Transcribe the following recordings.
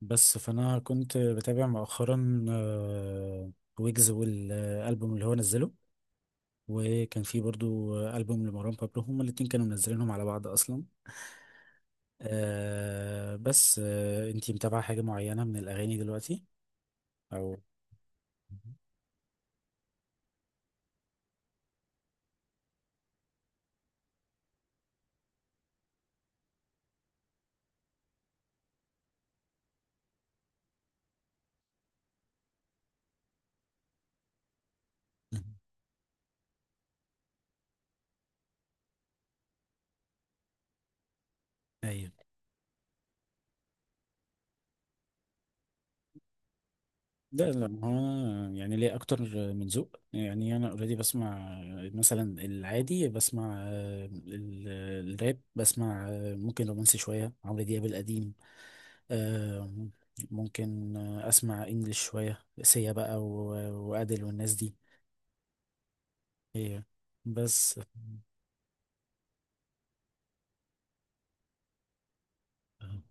بس فانا كنت بتابع مؤخرا ويجز والالبوم اللي هو نزله، وكان في برضو البوم لمروان بابلو، هما الاتنين كانوا منزلينهم على بعض اصلا. آه، بس آه، انتي متابعة حاجة معينة من الاغاني دلوقتي او؟ مهم. ايوه. ده لا، هو يعني ليه اكتر من ذوق. يعني انا اوريدي بسمع مثلا العادي، بسمع الراب، بسمع ممكن رومانسي شويه، عمرو دياب القديم، آه، ممكن اسمع انجليش شويه، سيا بقى وادل والناس دي. هي، بس آه،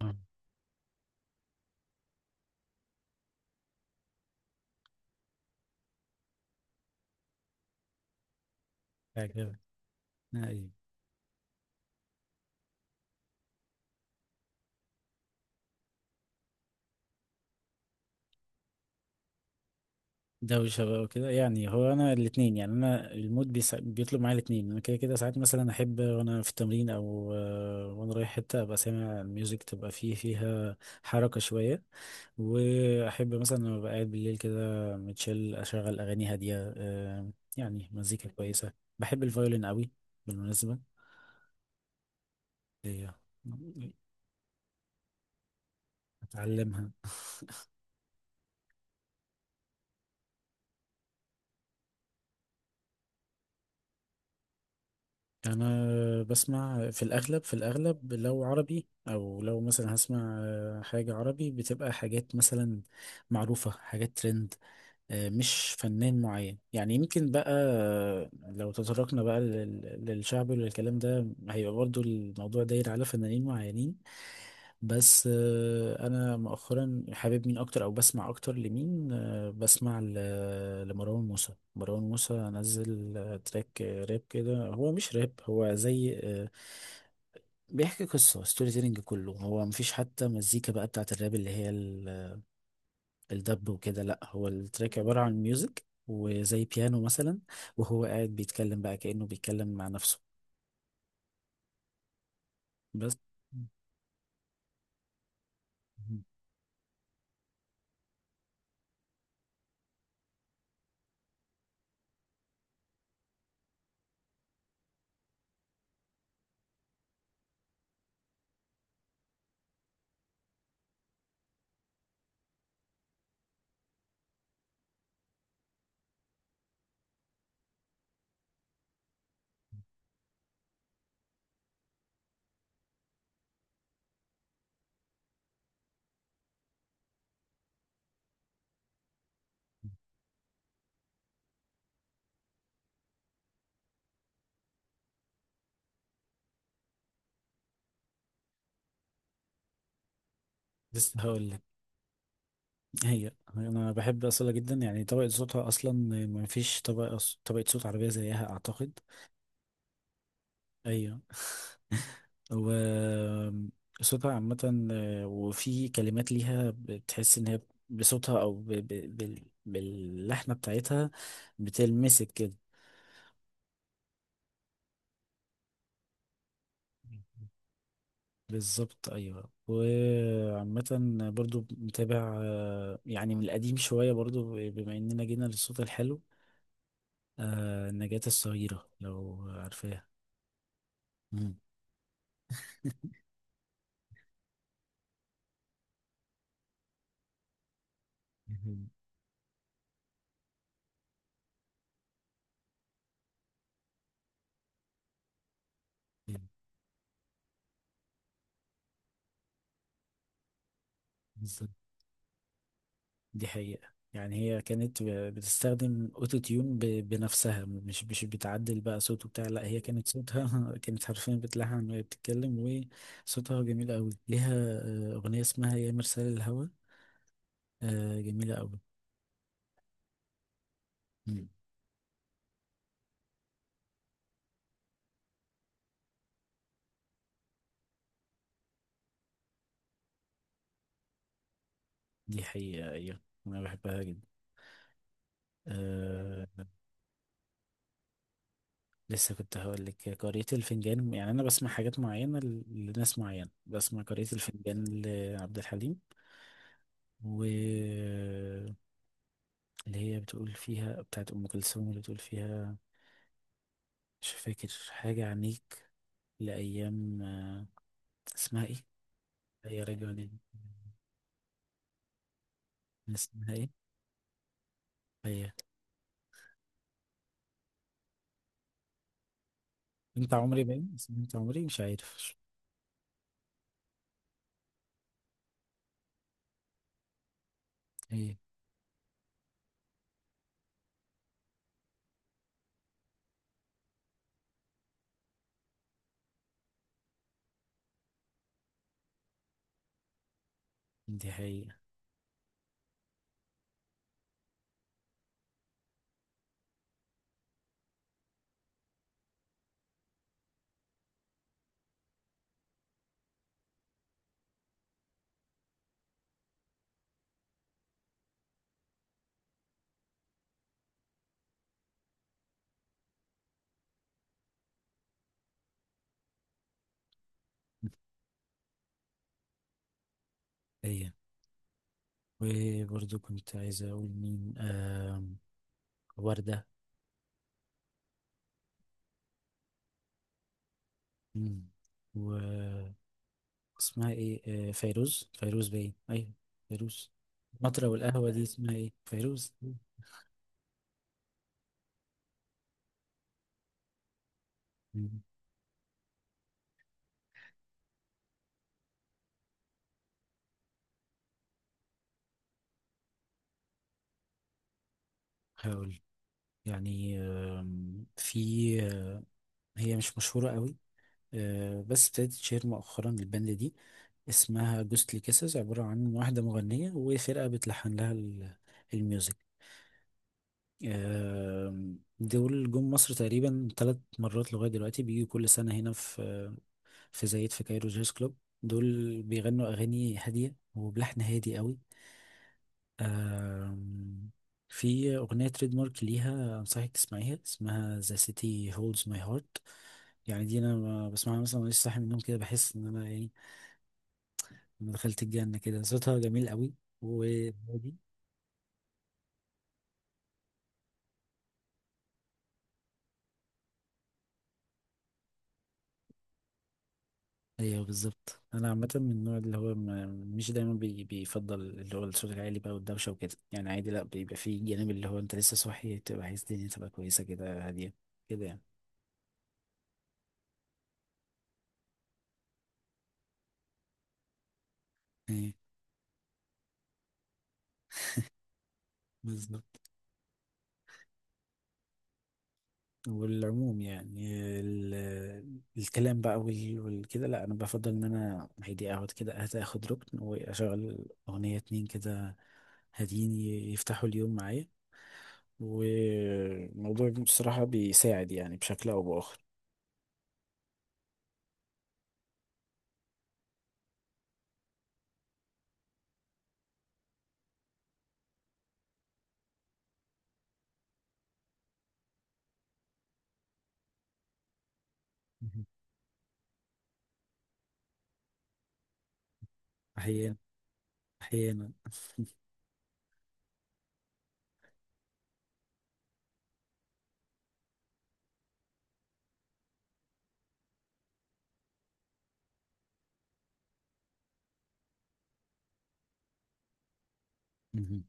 آه، حاجه. أيوة. دوشة بقى وكده. يعني هو أنا الاتنين، يعني أنا المود بيطلب معايا الاتنين. أنا كده كده ساعات مثلا أحب وأنا في التمرين أو وأنا رايح حتة أبقى سامع الميوزك تبقى فيه، فيها حركة شوية. وأحب مثلا لما أبقى قاعد بالليل كده متشل، أشغل أغاني هادية، يعني مزيكا كويسة. بحب الفيولين قوي بالمناسبة. إيه، أتعلمها. انا بسمع في الاغلب، لو عربي، او لو مثلا هسمع حاجه عربي بتبقى حاجات مثلا معروفه، حاجات ترند. مش فنان معين يعني. يمكن بقى لو تطرقنا بقى للشعبي وللكلام ده، هيبقى برضو الموضوع داير على فنانين معينين. بس انا مؤخرا حابب مين اكتر، او بسمع اكتر لمين؟ بسمع لمروان موسى. مروان موسى نزل تراك راب كده. هو مش راب، هو زي بيحكي قصة، ستوري تيلينج كله. هو مفيش حتى مزيكا بقى بتاعت الراب اللي هي الدب وكده. لا، هو التراك عبارة عن ميوزك وزي بيانو مثلا، وهو قاعد بيتكلم بقى كأنه بيتكلم مع نفسه. بس بس هقول. هي انا بحب اصلا جدا، يعني طبقة صوتها اصلا. ما فيش طبقة، طبقة صوت عربية زيها اعتقد. ايوه و صوتها عامة، وفي كلمات ليها بتحس ان هي بصوتها او باللحنة بتاعتها بتلمسك كده. بالظبط، ايوه. وعامة برضو متابع، يعني من القديم شوية، برضو بما اننا جينا للصوت الحلو، نجاة الصغيرة لو عارفاها. مم. مم. بالظبط. دي حقيقة. يعني هي كانت بتستخدم اوتو تيون بنفسها، مش بتعدل بقى صوته بتاع. لا، هي كانت صوتها كانت حرفيا بتلحن وهي بتتكلم. وصوتها جميل قوي ليها. اغنية اسمها يا مرسال الهوى، جميلة قوي. مم. دي حقيقة، ايوه. انا بحبها جدا. أه. لسه كنت هقول لك قارئة الفنجان. يعني انا بسمع حاجات معينة لناس معينة. بسمع قارئة الفنجان لعبد الحليم. واللي هي بتقول فيها بتاعت أم كلثوم، اللي بتقول فيها مش فاكر، حاجة عنيك لأيام اسمها ايه؟ هي رجعت. اسمها ايه؟ هي انت عمري، باين اسمها انت عمري، مش عارف هي. دي حقيقة. هي، وبرضه كنت عايز أقول مين، وردة. مم. واسمها ايه، فيروز باين، أيوة فيروز. المطرة والقهوة، دي اسمها ايه، فيروز. مم. هقول يعني في، هي مش مشهورة قوي، بس ابتدت تشهر مؤخرا. الباند دي اسمها جوستلي كيسز، عبارة عن واحدة مغنية وفرقة بتلحن لها الميوزك. دول جم مصر تقريبا 3 مرات لغاية دلوقتي، بيجوا كل سنة هنا في زايد في كايرو جاز كلوب. دول بيغنوا أغاني هادية وبلحن هادي قوي. آم، في أغنية تريد مارك ليها أنصحك تسمعيها، اسمها The City Holds My Heart. يعني دي أنا ما بسمعها مثلا وأنا لسه صاحي من النوم كده، بحس إن أنا يعني أنا دخلت الجنة. كده صوتها جميل قوي، وهادي. أيوه بالظبط. أنا عامة من النوع اللي هو مش دايما بيفضل اللي هو الصوت العالي بقى والدوشة وكده. يعني عادي، لأ، بيبقى فيه الجانب اللي هو أنت لسه صاحي، تبقى عايز الدنيا تبقى كويسة كده، هادية كده يعني. إيه، بالظبط. والعموم يعني ال- الكلام بقى والكده، لا، انا بفضل ان انا هيدي اقعد كده أهدى، اخد ركن واشغل اغنية، اتنين كده هاديين يفتحوا اليوم معايا. والموضوع بصراحة بيساعد يعني بشكل او باخر. مهم. احيانا. احيانا. مهم.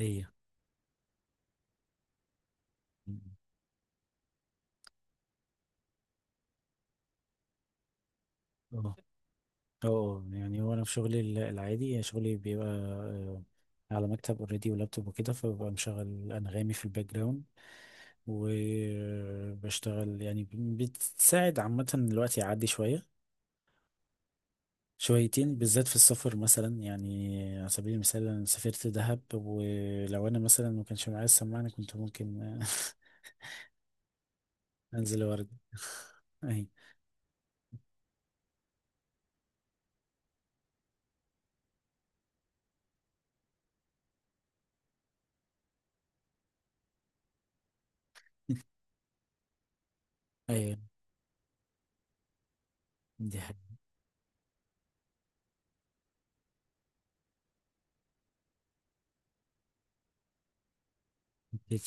هي. مهم. اه. اه، يعني هو انا في شغلي العادي، يعني شغلي بيبقى على مكتب اوريدي ولابتوب وكده، فببقى مشغل انغامي في الباك جراوند وبشتغل. يعني بتساعد عامة، الوقت يعدي شوية شويتين، بالذات في السفر مثلا. يعني على سبيل المثال انا سافرت دهب، ولو انا مثلا ما كانش معايا السماعة أنا كنت ممكن انزل وارد اهي ايوه دي حاجة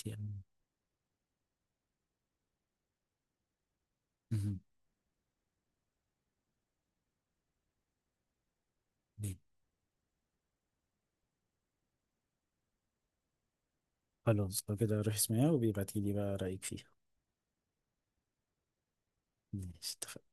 يعني. مهم. دي. خلاص لو كده روح اسمعها، وبيبعتيلي بقى رأيك فيها. ماشي. اتفقنا.